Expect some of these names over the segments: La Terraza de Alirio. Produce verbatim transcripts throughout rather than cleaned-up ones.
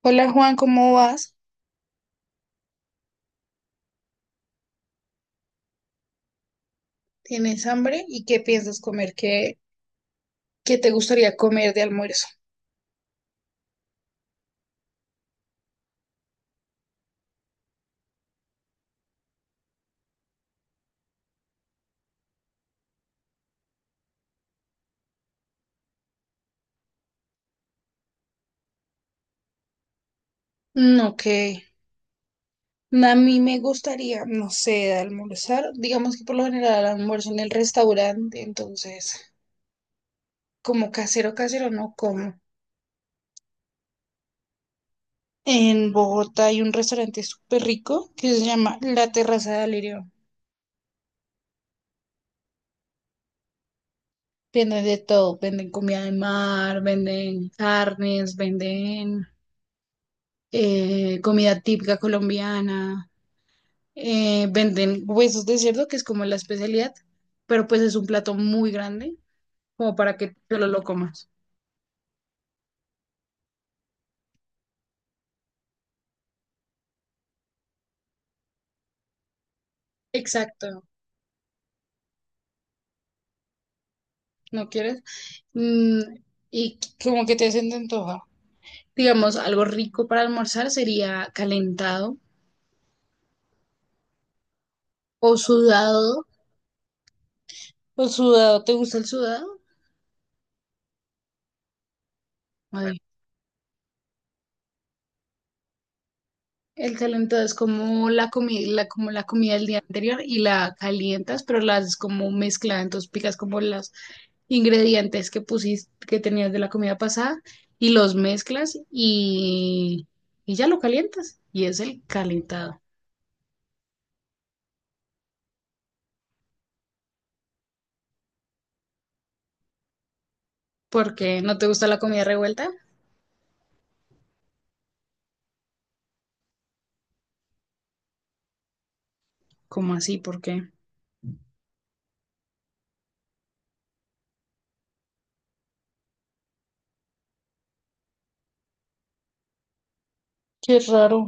Hola Juan, ¿cómo vas? ¿Tienes hambre? ¿Y qué piensas comer? ¿Qué, qué te gustaría comer de almuerzo? No, que a mí me gustaría, no sé, almorzar. Digamos que por lo general almuerzo en el restaurante, entonces como casero, casero no como. En Bogotá hay un restaurante súper rico que se llama La Terraza de Alirio. Venden de todo, venden comida de mar, venden carnes, venden eh, comida típica colombiana. Eh, venden huesos de cerdo, que es como la especialidad, pero pues es un plato muy grande, como para que solo lo comas. Exacto, ¿no quieres? Mm, y como que te hacen de antoja. Digamos, algo rico para almorzar sería calentado o sudado. ¿O sudado? ¿Te gusta el sudado? Madre. El calentado es como la comida, la, como la comida del día anterior y la calientas, pero la haces como mezclada, entonces picas como los ingredientes que pusiste, que tenías de la comida pasada y los mezclas y, y ya lo calientas. Y es el calentado. ¿Por qué no te gusta la comida revuelta? ¿Cómo así? ¿Por qué? Qué raro.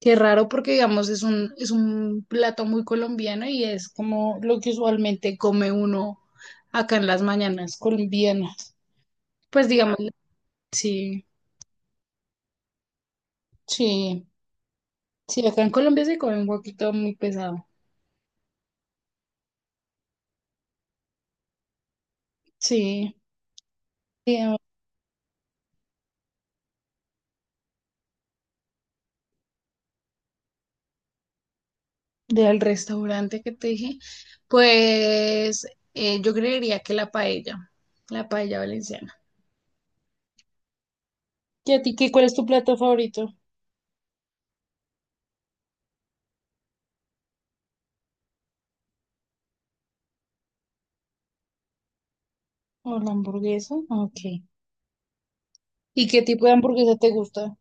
Qué raro porque digamos es un, es un plato muy colombiano y es como lo que usualmente come uno acá en las mañanas colombianas. Pues digamos, sí, sí, sí, acá en Colombia se come un poquito muy pesado. Sí, digamos, del restaurante que te dije, pues eh, yo creería que la paella, la paella valenciana. ¿Y a ti qué, cuál es tu plato favorito? ¿O la hamburguesa? Ok. ¿Y qué tipo de hamburguesa te gusta?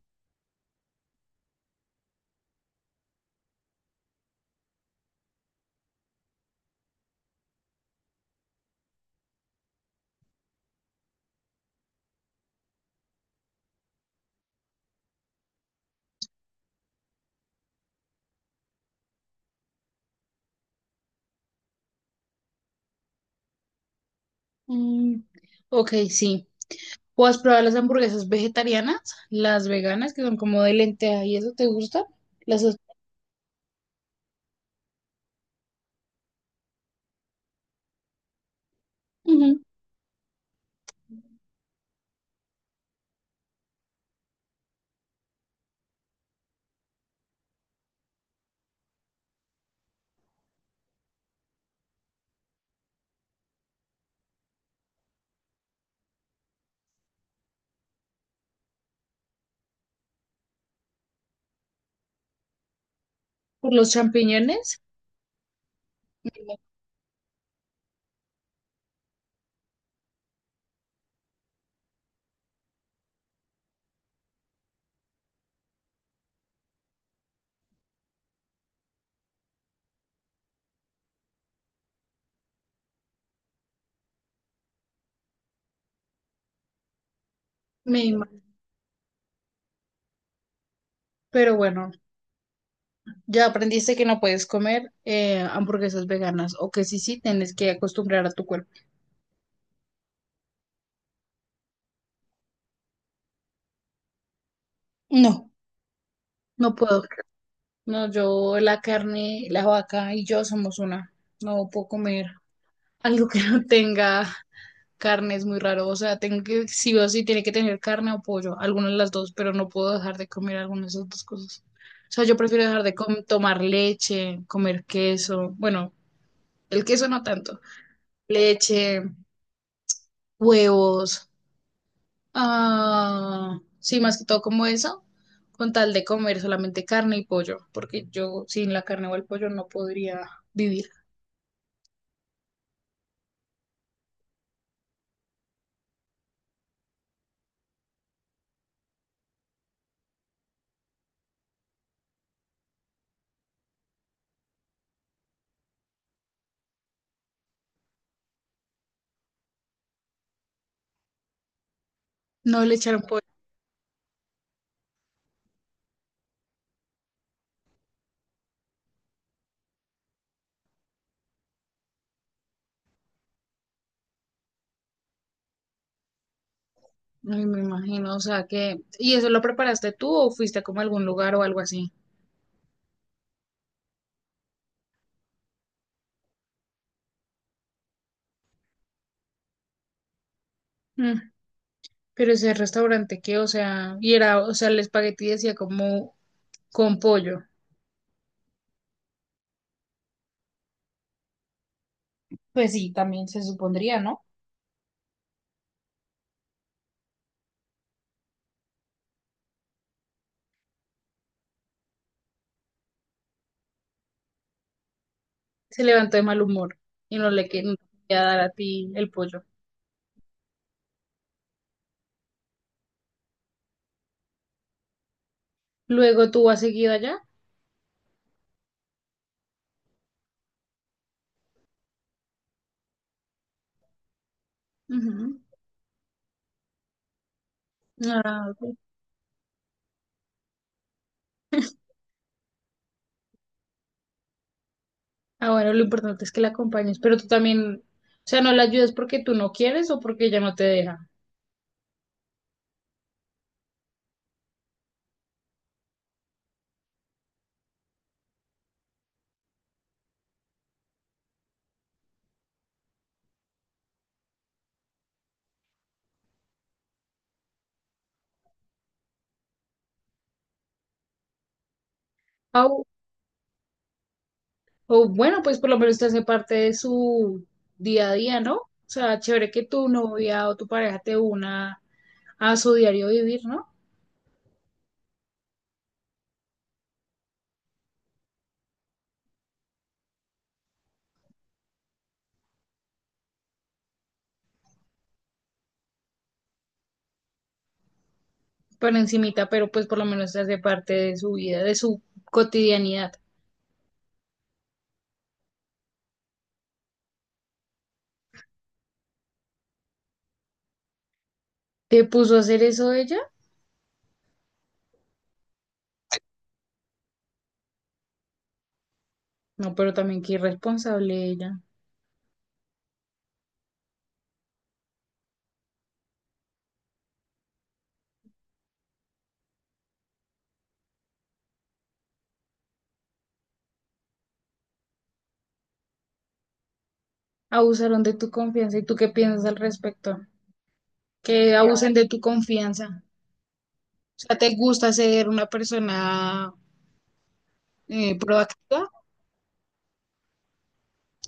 Mm, ok, sí. ¿O has probado las hamburguesas vegetarianas? Las veganas, que son como de lenteja, ¿y eso te gusta? ¿Las has- Ujú. Por los champiñones? Me me Pero bueno, ya aprendiste que no puedes comer eh, hamburguesas veganas o que sí, sí, tienes que acostumbrar a tu cuerpo. No, no puedo. No, yo la carne, la vaca y yo somos una. No puedo comer algo que no tenga carne, es muy raro. O sea, tengo que, sí o sí, tiene que tener carne o pollo, alguna de las dos, pero no puedo dejar de comer alguna de esas dos cosas. O sea, yo prefiero dejar de com- tomar leche, comer queso, bueno, el queso no tanto, leche, huevos. Ah, sí, más que todo como eso, con tal de comer solamente carne y pollo, porque yo sin la carne o el pollo no podría vivir. No le echaron pollo. Ay, me imagino, o sea que... ¿Y eso lo preparaste tú o fuiste como a algún lugar o algo así? Mm, pero ese restaurante que, o sea, y era, o sea, el espagueti decía como con pollo. Pues sí, también se supondría, ¿no? Se levantó de mal humor y no le quería dar a ti el pollo. Luego tú has seguido allá. Ujú. Ah, ok. Ah, bueno, lo importante es que la acompañes, pero tú también, o sea, no la ayudas porque tú no quieres o porque ella no te deja. Ah, O, o bueno, pues por lo menos te hace parte de su día a día, ¿no? O sea, chévere que tu novia o tu pareja te una a su diario vivir, ¿no? Por encimita, pero pues por lo menos te hace parte de su vida, de su cotidianidad. ¿Te puso a hacer eso ella? No, pero también qué irresponsable ella. Abusaron de tu confianza. ¿Y tú qué piensas al respecto? Que abusen de tu confianza. Sea, ¿te gusta ser una persona eh, proactiva?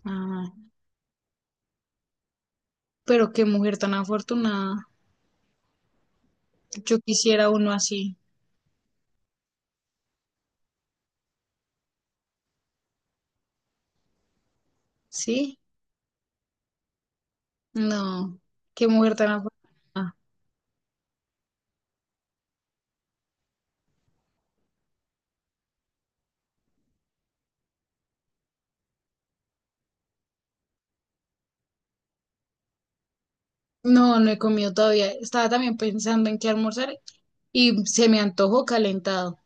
Ah, pero qué mujer tan afortunada. Yo quisiera uno así, ¿sí? No, qué mujer tan afortunada. No, no he comido todavía. Estaba también pensando en qué almorzar y se me antojó calentado.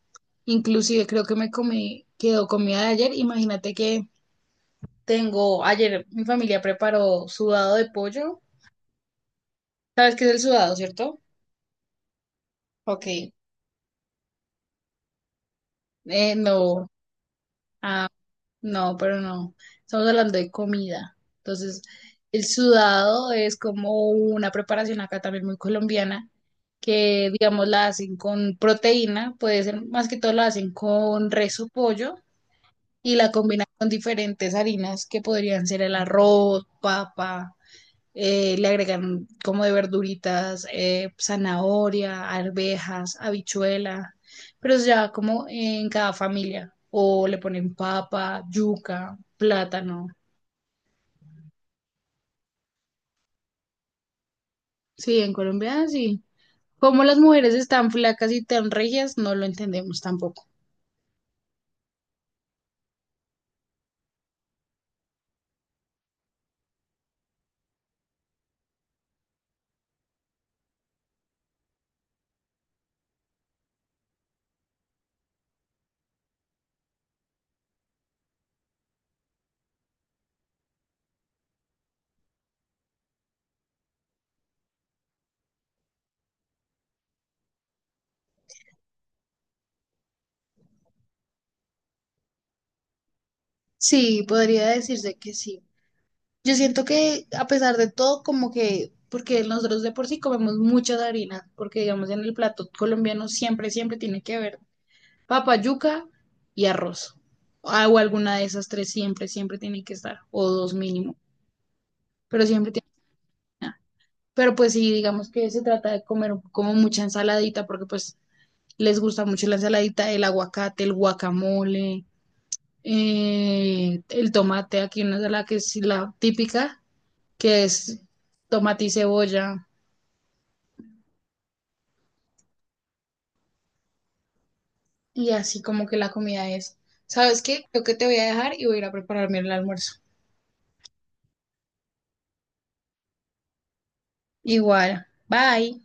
Inclusive creo que me comí, quedó comida de ayer. Imagínate que tengo, ayer mi familia preparó sudado de pollo. ¿Sabes qué es el sudado, cierto? Ok, eh, no. Ah, no, pero no. Estamos hablando de comida. Entonces, el sudado es como una preparación acá también muy colombiana, que digamos la hacen con proteína, puede ser más que todo la hacen con res o pollo y la combinan con diferentes harinas que podrían ser el arroz, papa. Eh, le agregan como de verduritas, eh, zanahoria, arvejas, habichuela, pero es ya como en cada familia. O le ponen papa, yuca, plátano. Sí, en Colombia sí. Como las mujeres están flacas y tan regias, no lo entendemos tampoco. Sí, podría decirse que sí. Yo siento que a pesar de todo, como que, porque nosotros de por sí comemos muchas harinas, porque digamos en el plato colombiano siempre, siempre tiene que haber papa, yuca y arroz. O alguna de esas tres siempre, siempre tiene que estar, o dos mínimo, pero siempre tiene que estar. Pero pues sí, digamos que se trata de comer como mucha ensaladita, porque pues les gusta mucho la ensaladita, el aguacate, el guacamole, eh, el tomate, aquí una de las que es la típica, que es tomate y cebolla, y así como que la comida es. ¿Sabes qué? Creo que te voy a dejar y voy a ir a prepararme el almuerzo. Igual, bye.